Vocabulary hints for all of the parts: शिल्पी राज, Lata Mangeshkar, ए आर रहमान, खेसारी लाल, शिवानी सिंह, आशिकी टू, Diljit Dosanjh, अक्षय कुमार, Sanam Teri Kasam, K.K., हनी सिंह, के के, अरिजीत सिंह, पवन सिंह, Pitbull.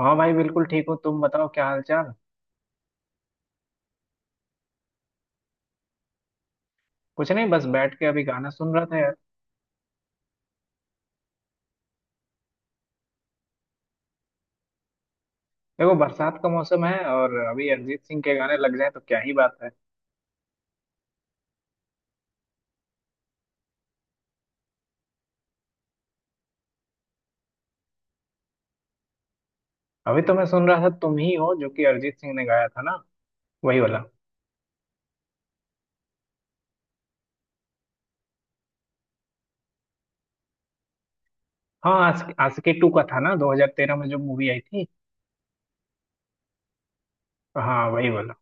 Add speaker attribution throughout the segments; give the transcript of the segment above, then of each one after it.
Speaker 1: हाँ भाई, बिल्कुल ठीक हो। तुम बताओ, क्या हाल चाल। कुछ नहीं, बस बैठ के अभी गाना सुन रहा था यार। देखो, बरसात का मौसम है और अभी अरिजीत सिंह के गाने लग जाए तो क्या ही बात है। अभी तो मैं सुन रहा था तुम ही हो, जो कि अरिजीत सिंह ने गाया था ना, वही वाला। हाँ आशिकी टू का था ना, 2013 में जो मूवी आई थी। हाँ वही वाला।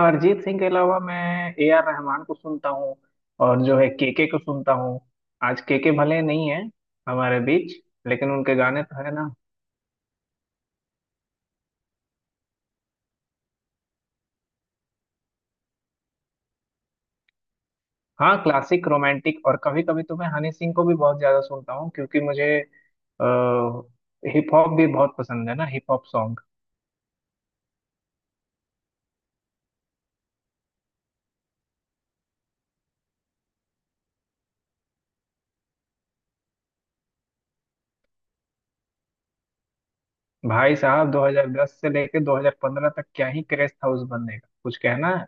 Speaker 1: अरिजीत सिंह के अलावा मैं ए आर रहमान को सुनता हूँ, और जो है के को सुनता हूँ। आज के भले नहीं है हमारे बीच, लेकिन उनके गाने तो है ना। हाँ, क्लासिक, रोमांटिक और कभी कभी तो मैं हनी सिंह को भी बहुत ज्यादा सुनता हूँ, क्योंकि मुझे हिप हॉप भी बहुत पसंद है ना, हिप हॉप सॉन्ग। भाई साहब, 2010 से लेके 2015 तक क्या ही क्रेज था उस बंदे का, कुछ कहना है।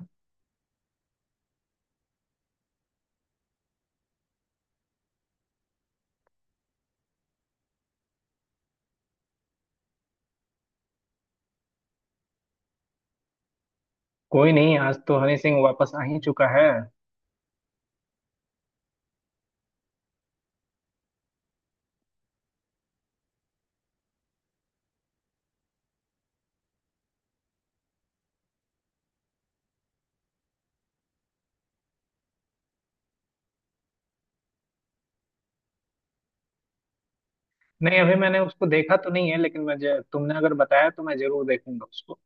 Speaker 1: कोई नहीं, आज तो हनी सिंह वापस आ ही चुका है। नहीं, अभी मैंने उसको देखा तो नहीं है, लेकिन मैं तुमने अगर बताया तो मैं जरूर देखूंगा उसको।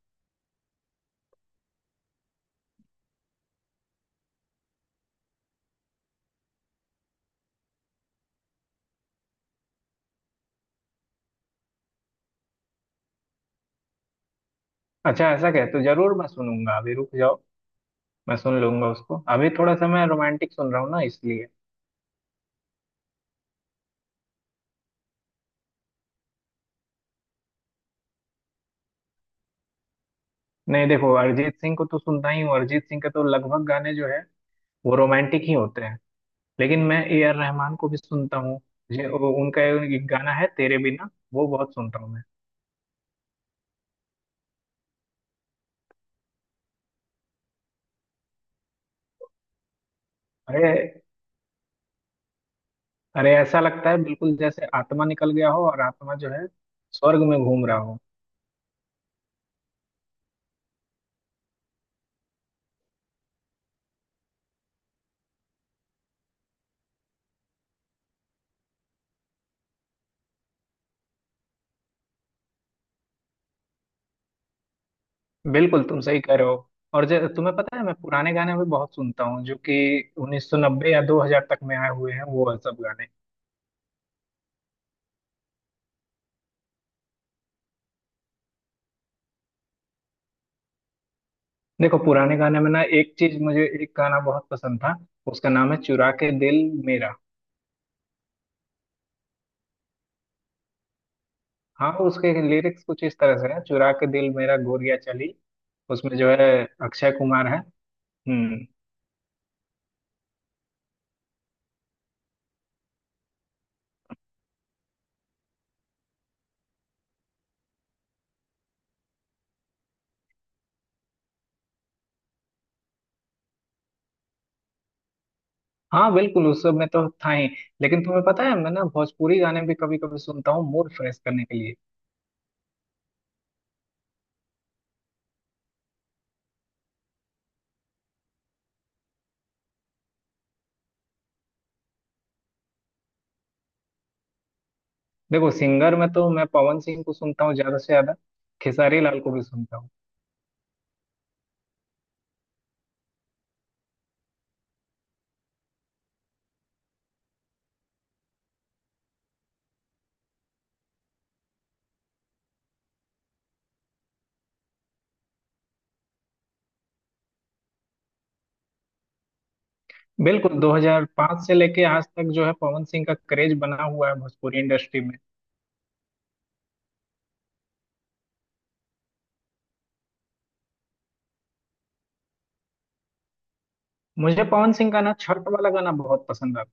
Speaker 1: अच्छा, ऐसा कह तो जरूर मैं सुनूंगा। अभी रुक जाओ, मैं सुन लूंगा उसको। अभी थोड़ा सा मैं रोमांटिक सुन रहा हूँ ना, इसलिए। नहीं देखो, अरिजीत सिंह को तो सुनता ही हूँ। अरिजीत सिंह के तो लगभग गाने जो है वो रोमांटिक ही होते हैं। लेकिन मैं ए आर रहमान को भी सुनता हूँ। उनका एक गाना है, तेरे बिना, वो बहुत सुनता हूँ मैं। अरे, अरे, ऐसा लगता है बिल्कुल जैसे आत्मा निकल गया हो और आत्मा जो है स्वर्ग में घूम रहा हो। बिल्कुल, तुम सही कह रहे हो। और जो, तुम्हें पता है, मैं पुराने गाने भी बहुत सुनता हूँ, जो कि 1990 या 2000 तक में आए हुए हैं वो सब गाने। देखो, पुराने गाने में ना एक चीज, मुझे एक गाना बहुत पसंद था। उसका नाम है चुरा के दिल मेरा। हाँ, उसके लिरिक्स कुछ इस तरह से है, चुरा के दिल मेरा गोरिया चली। उसमें जो है अक्षय कुमार है। हम्म। हाँ बिल्कुल, उस सब में तो था ही। लेकिन तुम्हें पता है, मैं ना भोजपुरी गाने भी कभी कभी सुनता हूँ मूड फ्रेश करने के लिए। देखो, सिंगर में तो मैं पवन सिंह को सुनता हूँ ज्यादा से ज्यादा। खेसारी लाल को भी सुनता हूँ। बिल्कुल, 2005 से लेके आज तक जो है पवन सिंह का क्रेज बना हुआ है भोजपुरी इंडस्ट्री में। मुझे पवन सिंह का ना छठ वाला गाना बहुत पसंद आता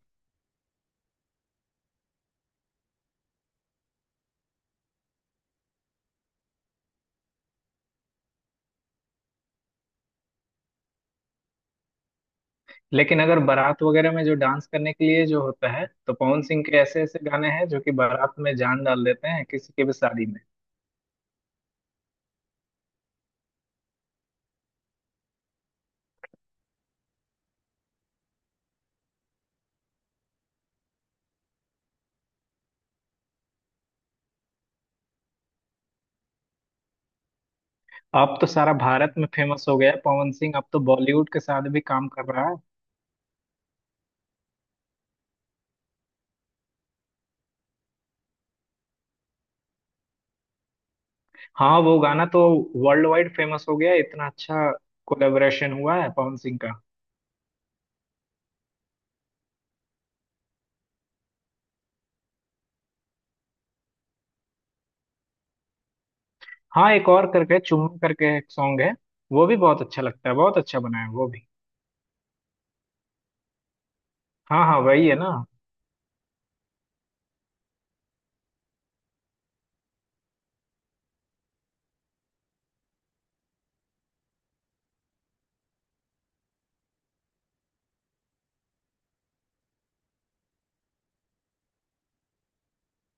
Speaker 1: है। लेकिन अगर बारात वगैरह में जो डांस करने के लिए जो होता है, तो पवन सिंह के ऐसे ऐसे गाने हैं जो कि बारात में जान डाल देते हैं किसी की भी शादी में। अब तो सारा भारत में फेमस हो गया है पवन सिंह। अब तो बॉलीवुड के साथ भी काम कर रहा है। हाँ, वो गाना तो वर्ल्ड वाइड फेमस हो गया है, इतना अच्छा कोलेबोरेशन हुआ है पवन सिंह का। हाँ, एक और करके चुम्मा करके एक सॉन्ग है, वो भी बहुत अच्छा लगता है, बहुत अच्छा बना है वो भी। हाँ हाँ, वही है ना।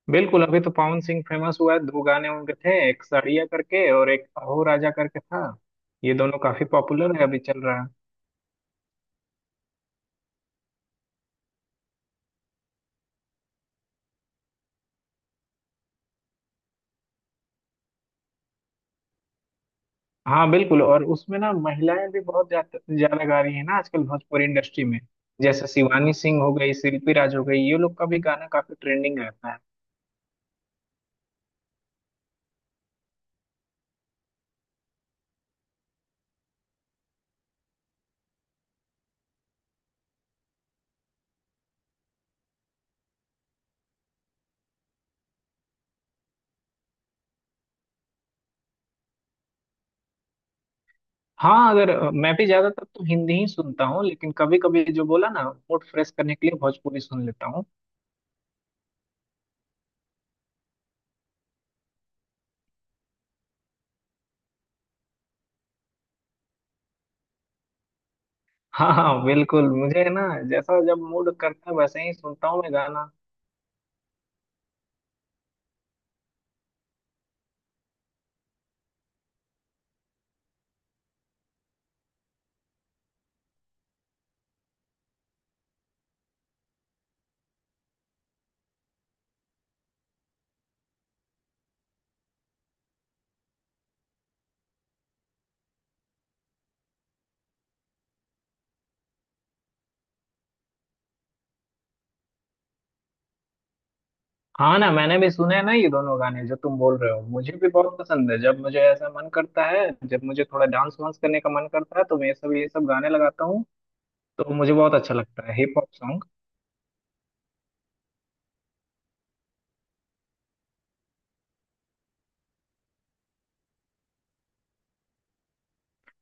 Speaker 1: बिल्कुल, अभी तो पवन सिंह फेमस हुआ है। दो गाने उनके थे, एक साड़िया करके और एक अहो राजा करके था। ये दोनों काफी पॉपुलर है, अभी चल रहा है। हाँ बिल्कुल, और उसमें ना महिलाएं भी बहुत ज्यादा ज्यादा गा रही है ना आजकल भोजपुरी इंडस्ट्री में। जैसे शिवानी सिंह हो गई, शिल्पी राज हो गई, ये लोग का भी गाना काफी ट्रेंडिंग रहता है। हाँ, अगर अ, मैं भी ज्यादातर तो हिंदी ही सुनता हूँ, लेकिन कभी कभी जो बोला ना, मूड फ्रेश करने के लिए भोजपुरी सुन लेता हूँ। हाँ हाँ बिल्कुल, मुझे है ना, जैसा जब मूड करता है वैसे ही सुनता हूँ मैं गाना। हाँ ना, मैंने भी सुने हैं ना ये दोनों गाने जो तुम बोल रहे हो, मुझे भी बहुत पसंद है। जब मुझे ऐसा मन करता है, जब मुझे थोड़ा डांस वांस करने का मन करता है, तो मैं ये सब गाने लगाता हूँ। तो मुझे बहुत अच्छा लगता है हिप हॉप सॉन्ग।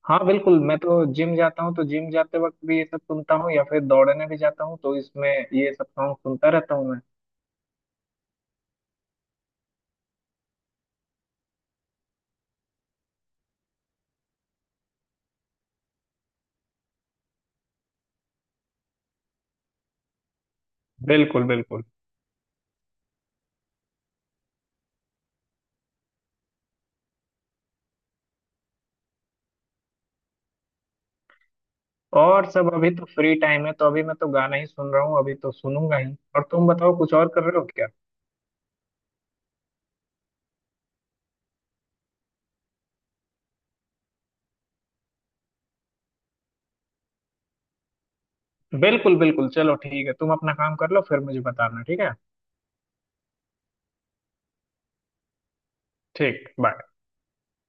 Speaker 1: हाँ बिल्कुल, मैं तो जिम जाता हूँ, तो जिम जाते वक्त भी ये सब सुनता हूँ, या फिर दौड़ने भी जाता हूँ तो इसमें ये सब सॉन्ग सुनता रहता हूँ मैं। बिल्कुल बिल्कुल। और सब अभी तो फ्री टाइम है, तो अभी मैं तो गाना ही सुन रहा हूँ, अभी तो सुनूंगा ही। और तुम बताओ, कुछ और कर रहे हो क्या। बिल्कुल बिल्कुल, चलो ठीक है, तुम अपना काम कर लो, फिर मुझे बताना ठीक है। ठीक, बाय।